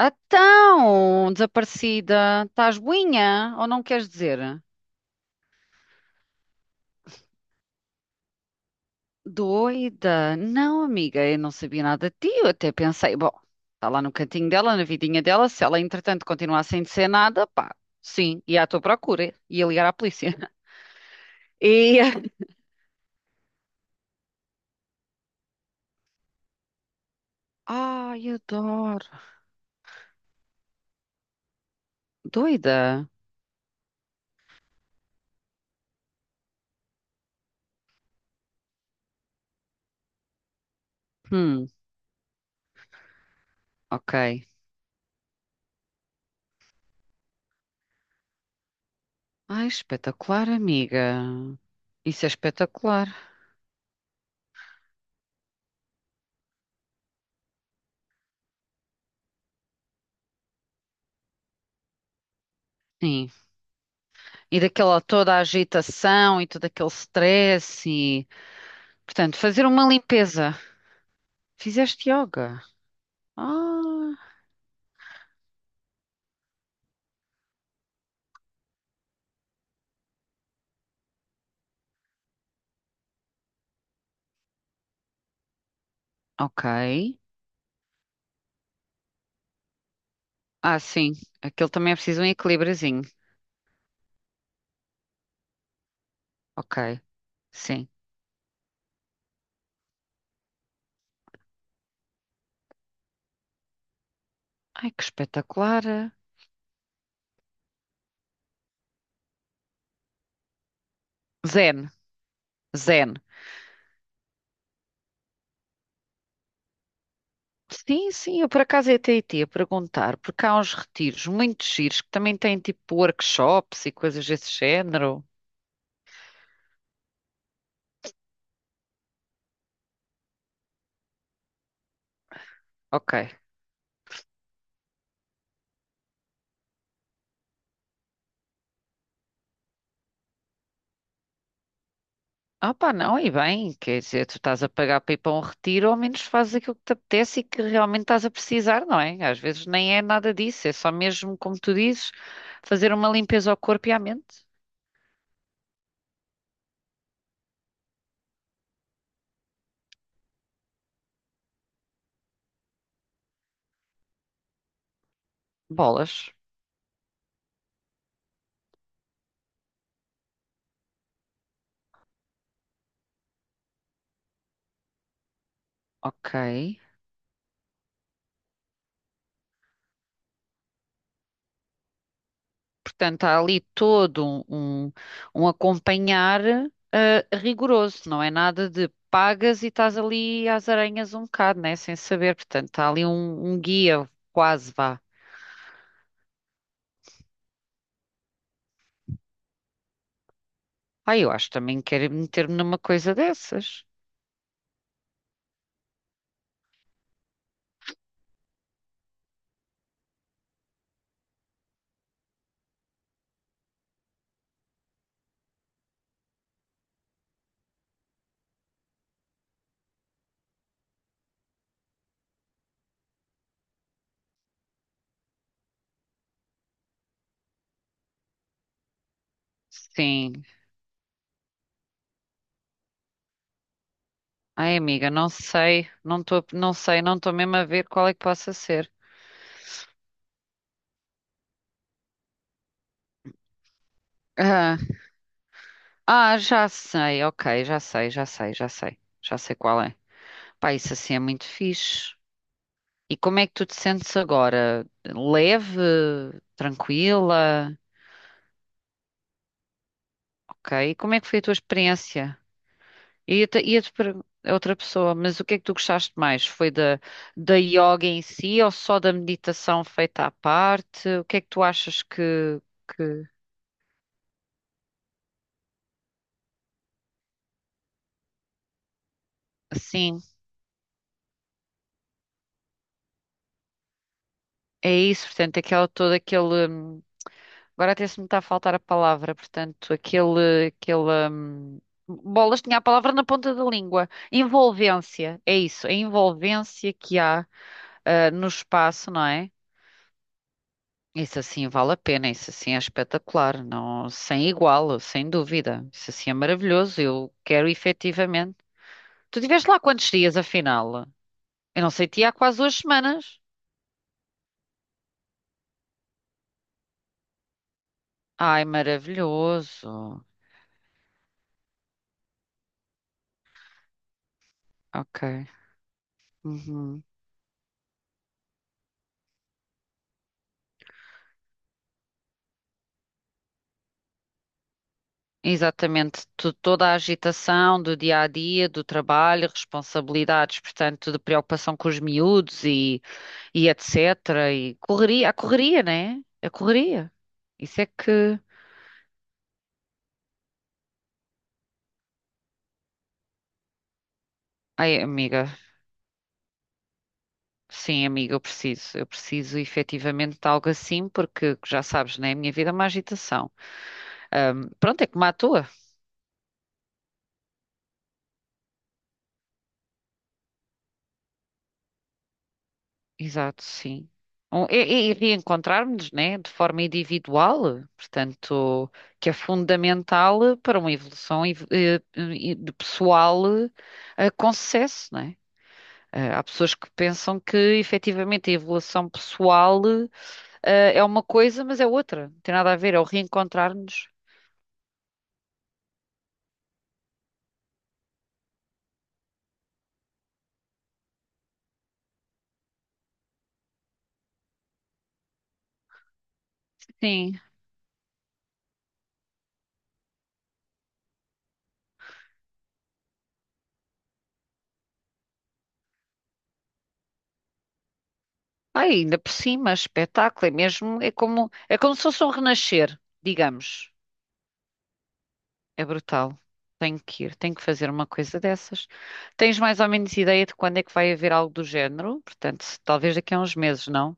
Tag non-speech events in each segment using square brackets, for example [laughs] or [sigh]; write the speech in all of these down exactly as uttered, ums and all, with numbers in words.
Então, desaparecida, estás boinha ou não queres dizer? Doida? Não, amiga, eu não sabia nada de ti. Eu até pensei, bom, está lá no cantinho dela, na vidinha dela. Se ela, entretanto, continuar sem dizer nada, pá, sim, ia à tua procura, ia ligar à polícia. [laughs] E. Ai, adoro. Doida? Hum, ok. Ai, espetacular, amiga. Isso é espetacular. Sim. E daquela toda a agitação e todo aquele stress e. Portanto, fazer uma limpeza. Fizeste yoga. Ah, ok. Ah, sim. Aquele também é preciso um equilíbriozinho. Ok. Sim. Ai, que espetacular. Zen. Zen. Sim, sim, eu por acaso ia até ia perguntar, porque há uns retiros muito giros que também têm tipo workshops e coisas desse género. Ok. Ah pá, não, e bem, quer dizer, tu estás a pagar para ir para um retiro, ao menos fazes aquilo que te apetece e que realmente estás a precisar, não é? Às vezes nem é nada disso, é só mesmo, como tu dizes, fazer uma limpeza ao corpo e à mente. Bolas, ok. Portanto, há ali todo um, um, um acompanhar eh, rigoroso, não é nada de pagas e estás ali às aranhas um bocado, né? Sem saber, portanto, há ali um, um guia, quase vá. Ah, eu acho que também quero meter-me numa coisa dessas. Sim. Ai, amiga, não sei, não estou, não sei, não estou mesmo a ver qual é que possa ser. Ah, ah, já sei, ok, já sei, já sei, já sei, já sei qual é. Pá, isso assim é muito fixe. E como é que tu te sentes agora? Leve, tranquila? Ok, e como é que foi a tua experiência? Ia-te, ia-te per- a outra pessoa, mas o que é que tu gostaste mais? Foi da, da yoga em si ou só da meditação feita à parte? O que é que tu achas que, que assim? É isso, portanto, aquela, todo aquele. hum, Agora até se me está a faltar a palavra, portanto, aquele, aquele. hum, Bolas, tinha a palavra na ponta da língua. Envolvência, é isso, a envolvência que há ah, no espaço, não é? Isso assim vale a pena, isso assim é espetacular, não, sem igual, sem dúvida. Isso assim é maravilhoso, eu quero efetivamente. Tu estiveste lá quantos dias, afinal? Eu não sei, te há quase duas semanas. Ai, maravilhoso. Ok. Uhum. Exatamente, Tu- toda a agitação do dia a dia, do trabalho, responsabilidades, portanto, de preocupação com os miúdos e, e etcétera. E correria, a correria, né? A correria. Isso é que. Ai, amiga, sim, amiga, eu preciso. Eu preciso efetivamente de algo assim, porque já sabes, né? A minha vida é uma agitação. Ahm, pronto, é como a tua. Exato, sim. Um, E, e- e reencontrarmos, né, de forma individual, portanto, que é fundamental para uma evolução ev- eh, eh, de pessoal eh, com sucesso, né? Eh, Há pessoas que pensam que efetivamente a evolução pessoal eh, é uma coisa, mas é outra. Não tem nada a ver, é o reencontrar-nos. Sim. Ah, ainda por cima, espetáculo, é mesmo, é como, é como se fosse um renascer, digamos. É brutal. Tenho que ir, tenho que fazer uma coisa dessas. Tens mais ou menos ideia de quando é que vai haver algo do género? Portanto, se- talvez daqui a uns meses, não?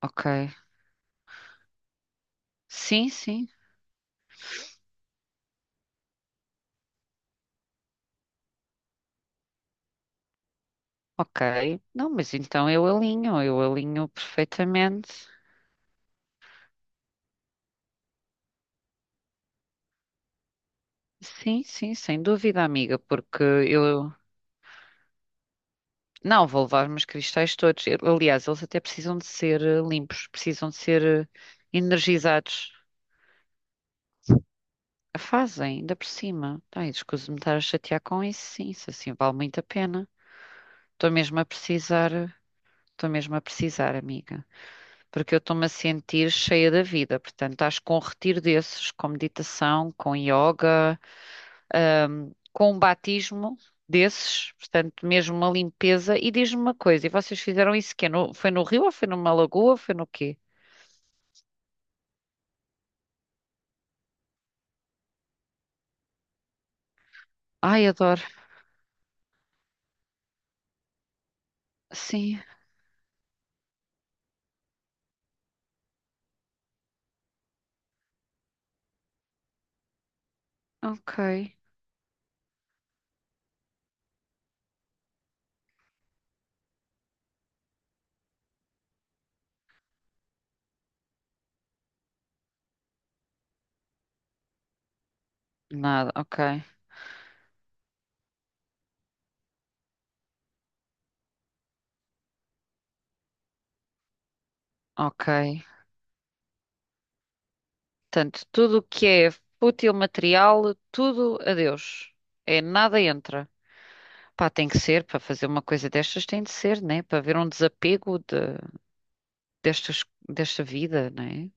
Ok. Sim, sim. Ok. Não, mas então eu alinho, eu alinho perfeitamente. Sim, sim, sem dúvida, amiga, porque eu. Não, vou levar meus cristais todos. Eu- Aliás, eles até precisam de ser eh, limpos, precisam de ser eh, energizados. Fazem, ainda por cima. Ai, desculpe-me estar a chatear com isso, sim, isso assim vale muito a pena. Estou mesmo a precisar, estou mesmo a precisar, amiga, porque eu estou-me a sentir cheia da vida. Portanto, acho que com um retiro desses, com meditação, com yoga, hum, com um batismo desses, portanto, mesmo uma limpeza. E diz-me uma coisa, e vocês fizeram isso quê? No- foi no rio ou foi numa lagoa? Foi no quê? Ai, adoro. Sim, ok. Nada, ok, ok. Portanto, tudo o que é fútil material, tudo adeus. É nada entra. Pá, tem que ser, para fazer uma coisa destas tem de ser, né? Para haver um desapego de, destas, desta vida, né?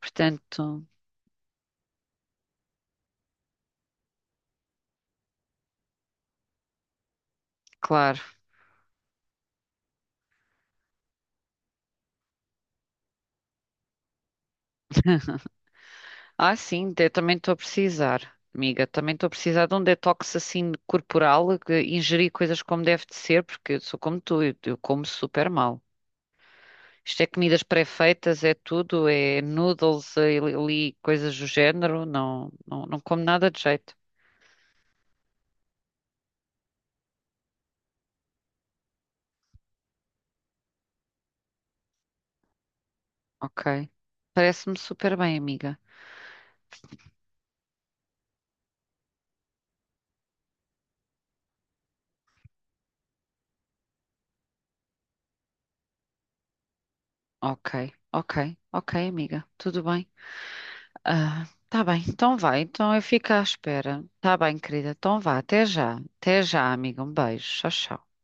Portanto, claro. Ah, sim, eu também estou a precisar, amiga. Também estou a precisar de um detox assim corporal, que ingerir coisas como deve de ser, porque eu sou como tu, eu, eu como super mal. Isto é comidas pré-feitas, é tudo, é noodles, é ali, coisas do género. Não, não, não como nada de jeito. Ok. Parece-me super bem, amiga. Ok, ok, ok, amiga. Tudo bem? Ah, tá bem, então vai. Então eu fico à espera. Tá bem, querida. Então vá. Até já. Até já, amiga. Um beijo. Tchau, tchau.